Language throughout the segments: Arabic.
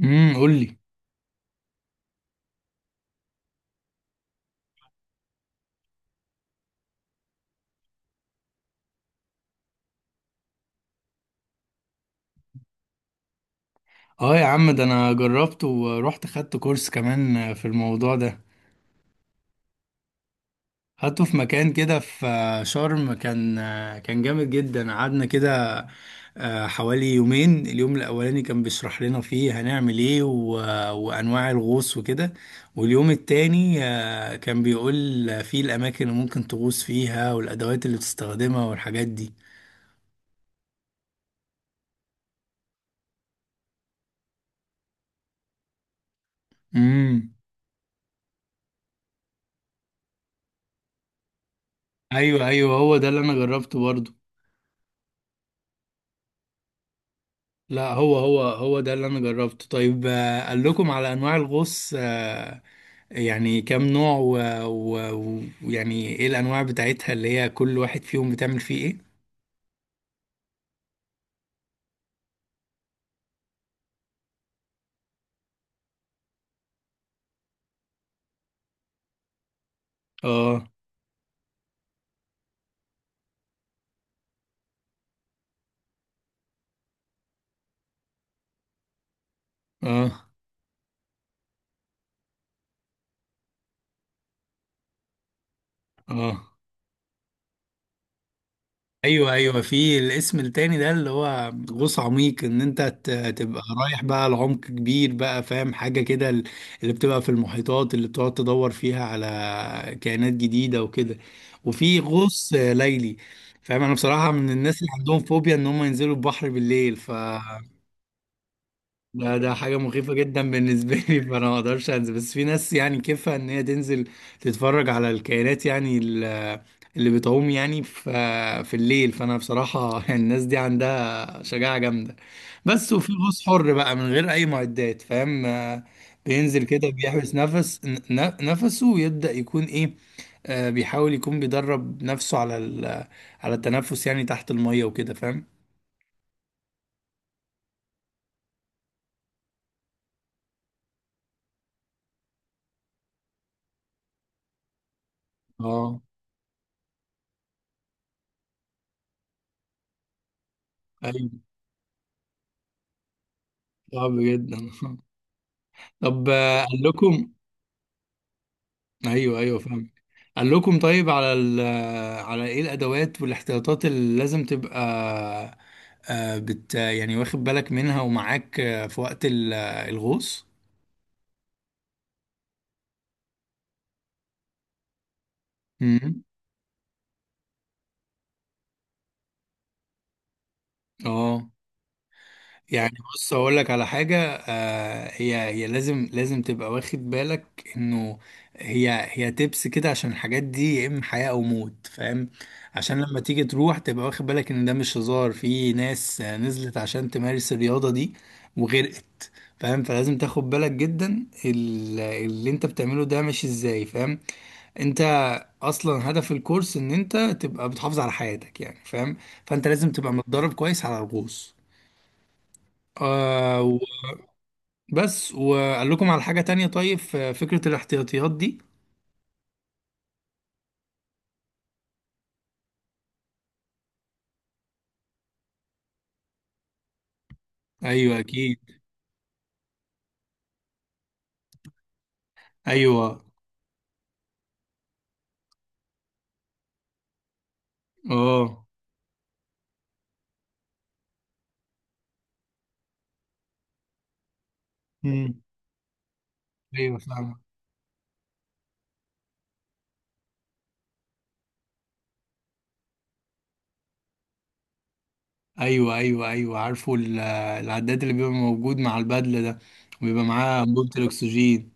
قول لي. اه يا عم، ده انا جربت ورحت خدت كورس كمان في الموضوع ده. خدته في مكان كده في شرم، كان جامد جدا. قعدنا كده حوالي يومين. اليوم الاولاني كان بيشرح لنا فيه هنعمل ايه و- وانواع الغوص وكده. واليوم التاني كان بيقول فيه الاماكن اللي ممكن تغوص فيها والادوات اللي بتستخدمها والحاجات دي. امم، ايوه ايوه، هو ده اللي انا جربته برضه. لا، هو ده اللي انا جربته. طيب قال لكم على انواع الغوص، يعني كام نوع و- و- ويعني ايه الانواع بتاعتها اللي هي كل واحد فيهم بتعمل فيه ايه؟ اه اه اه، ايوه ايوه، في الاسم التاني ده اللي هو غوص عميق، ان انت تبقى رايح بقى لعمق كبير بقى، فاهم حاجه كده؟ اللي بتبقى في المحيطات اللي بتقعد تدور فيها على كائنات جديده وكده. وفي غوص ليلي. فاهم، انا بصراحه من الناس اللي عندهم فوبيا ان هم ينزلوا البحر بالليل، ف ده حاجة مخيفة جدا بالنسبة لي، فأنا ما أقدرش أنزل. بس في ناس يعني كيفها إن هي تنزل تتفرج على الكائنات، يعني اللي بتعوم يعني في الليل. فأنا بصراحة الناس دي عندها شجاعة جامدة. بس وفي غوص حر بقى من غير أي معدات، فاهم؟ بينزل كده بيحبس نفس نفسه ويبدأ يكون إيه، بيحاول يكون بيدرب نفسه على على التنفس يعني تحت المية وكده، فاهم؟ اه، ايوه، صعب جدا طب قال لكم. ايوه ايوه فاهم. قال لكم طيب على على ايه الادوات والاحتياطات اللي لازم تبقى يعني واخد بالك منها ومعاك في وقت الغوص؟ امم، اه، يعني بص اقول لك على حاجه، هي لازم تبقى واخد بالك انه هي تبس كده، عشان الحاجات دي يا اما حياه او موت، فاهم؟ عشان لما تيجي تروح تبقى واخد بالك ان ده مش هزار. في ناس نزلت عشان تمارس الرياضه دي وغرقت، فاهم؟ فلازم تاخد بالك جدا اللي انت بتعمله ده ماشي ازاي، فاهم؟ انت اصلا هدف الكورس ان انت تبقى بتحافظ على حياتك يعني، فاهم؟ فانت لازم تبقى متدرب كويس على الغوص. آه، بس وقال لكم على حاجة تانية، طيب في فكرة الاحتياطيات دي. ايوه اكيد. ايوه اه. امم، ايوه فاهم. ايوه ايوه ايوه، عارفه العداد اللي بيبقى موجود مع البدلة ده، بيبقى معاه انبوبة الاكسجين.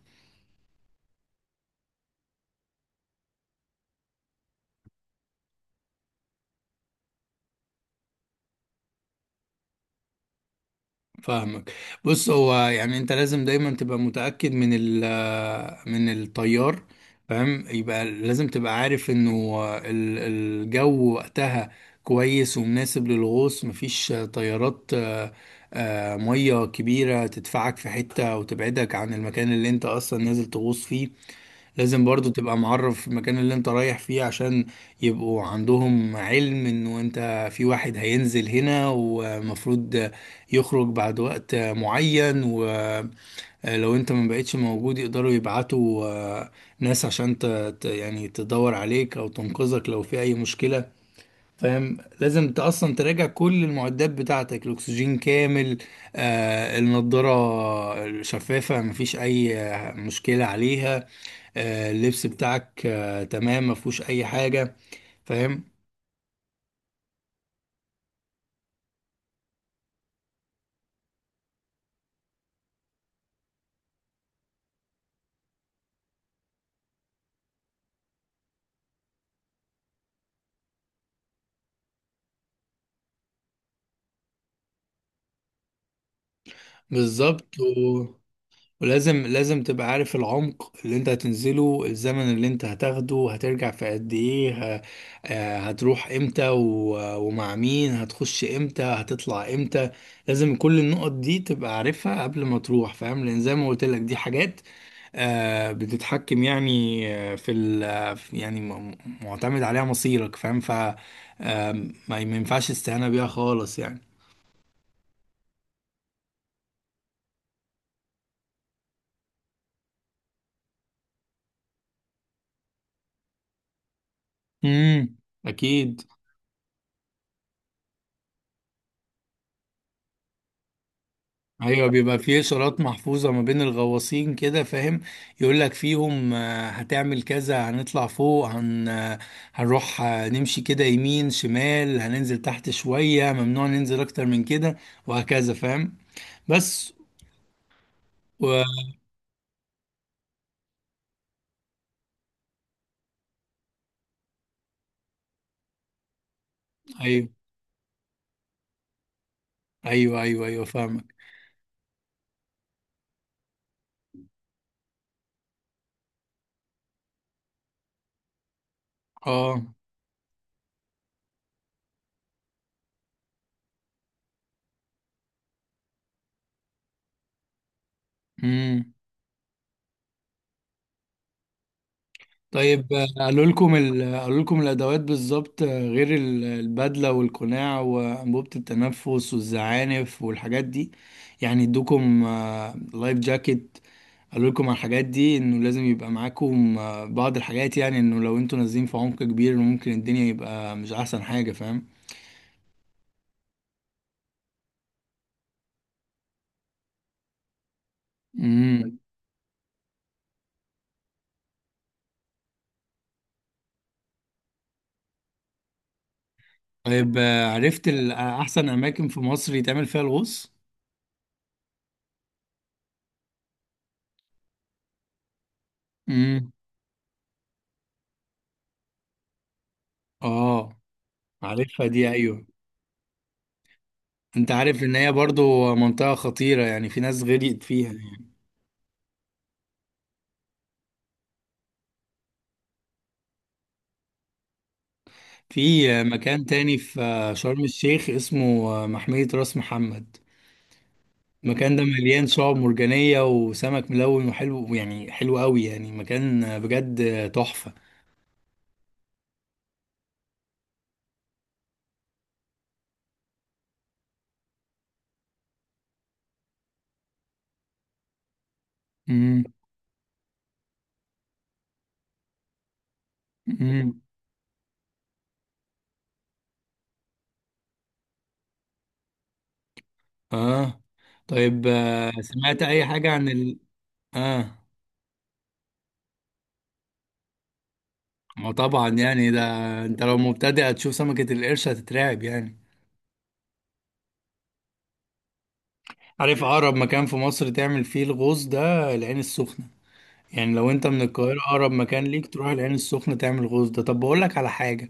فاهمك. بص هو يعني انت لازم دايما تبقى متأكد من ال آه، من الطيار، فاهم، يبقى لازم تبقى عارف انه الجو وقتها كويس ومناسب للغوص، مفيش تيارات، مية كبيرة تدفعك في حتة وتبعدك عن المكان اللي انت اصلا نازل تغوص فيه. لازم برضو تبقى معرف المكان اللي انت رايح فيه، عشان يبقوا عندهم علم انه انت في واحد هينزل هنا ومفروض يخرج بعد وقت معين، ولو انت ما بقتش موجود يقدروا يبعتوا ناس عشان يعني تدور عليك او تنقذك لو في اي مشكلة، فاهم. لازم انت اصلا تراجع كل المعدات بتاعتك، الاكسجين كامل، النضاره شفافه، مفيش اي مشكله عليها، اللبس بتاعك تمام مفهوش اي حاجه، فاهم. بالظبط. ولازم تبقى عارف العمق اللي انت هتنزله، الزمن اللي انت هتاخده، هترجع في قد ايه، هتروح امتى و- ومع مين، هتخش امتى، هتطلع امتى. لازم كل النقط دي تبقى عارفها قبل ما تروح، فاهم، لان زي ما قلت لك دي حاجات بتتحكم يعني في ال آه، يعني معتمد عليها مصيرك، فاهم. ف ما ينفعش استهانة بيها خالص يعني. امم اكيد. ايوه بيبقى فيه اشارات محفوظه ما بين الغواصين كده، فاهم، يقول لك فيهم هتعمل كذا، هنطلع فوق، هن آه، هنروح نمشي كده يمين شمال، هننزل تحت شويه، ممنوع ننزل اكتر من كده، وهكذا، فاهم. بس و... ايوه ايوه ايوه ايوه فاهمك اه. طيب قالوا لكم قالوا لكم الادوات بالظبط غير البدله والقناع وانبوبه التنفس والزعانف والحاجات دي؟ يعني ادوكم لايف جاكيت؟ قالوا لكم على الحاجات دي انه لازم يبقى معاكم بعض الحاجات، يعني انه لو انتوا نازلين في عمق كبير ممكن الدنيا يبقى مش احسن حاجه، فاهم. امم. طيب عرفت احسن اماكن في مصر يتعمل فيها الغوص. امم اه، عارفها دي، ايوه. انت عارف ان هي برضو منطقة خطيرة يعني، في ناس غرقت فيها يعني. في مكان تاني في شرم الشيخ اسمه محمية راس محمد. المكان ده مليان شعاب مرجانية وسمك ملون وحلو يعني، حلو قوي يعني، مكان بجد تحفة. امم. امم اه. طيب سمعت اي حاجة عن ال اه ما طبعا يعني ده. انت لو مبتدئ هتشوف سمكة القرش هتترعب يعني. عارف اقرب مكان في مصر تعمل فيه الغوص ده؟ العين السخنة. يعني لو انت من القاهرة أقرب مكان ليك تروح العين السخنة تعمل غوص ده. طب بقول لك على حاجة،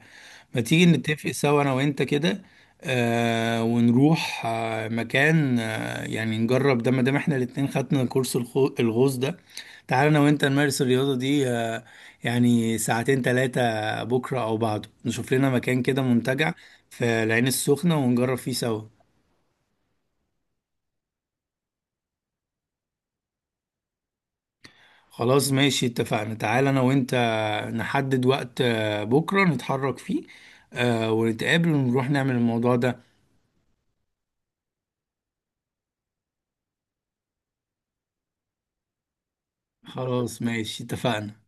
ما تيجي نتفق سوا أنا وأنت كده. ونروح مكان يعني نجرب ده، ما دام احنا الاتنين خدنا كورس الغوص ده. تعالى أنا وأنت نمارس الرياضة دي، يعني ساعتين تلاتة، بكرة أو بعده نشوف لنا مكان كده منتجع في العين السخنة ونجرب فيه سوا. خلاص ماشي اتفقنا. تعال انا وانت نحدد وقت، بكرة نتحرك فيه، ونتقابل ونروح نعمل الموضوع ده. خلاص ماشي اتفقنا.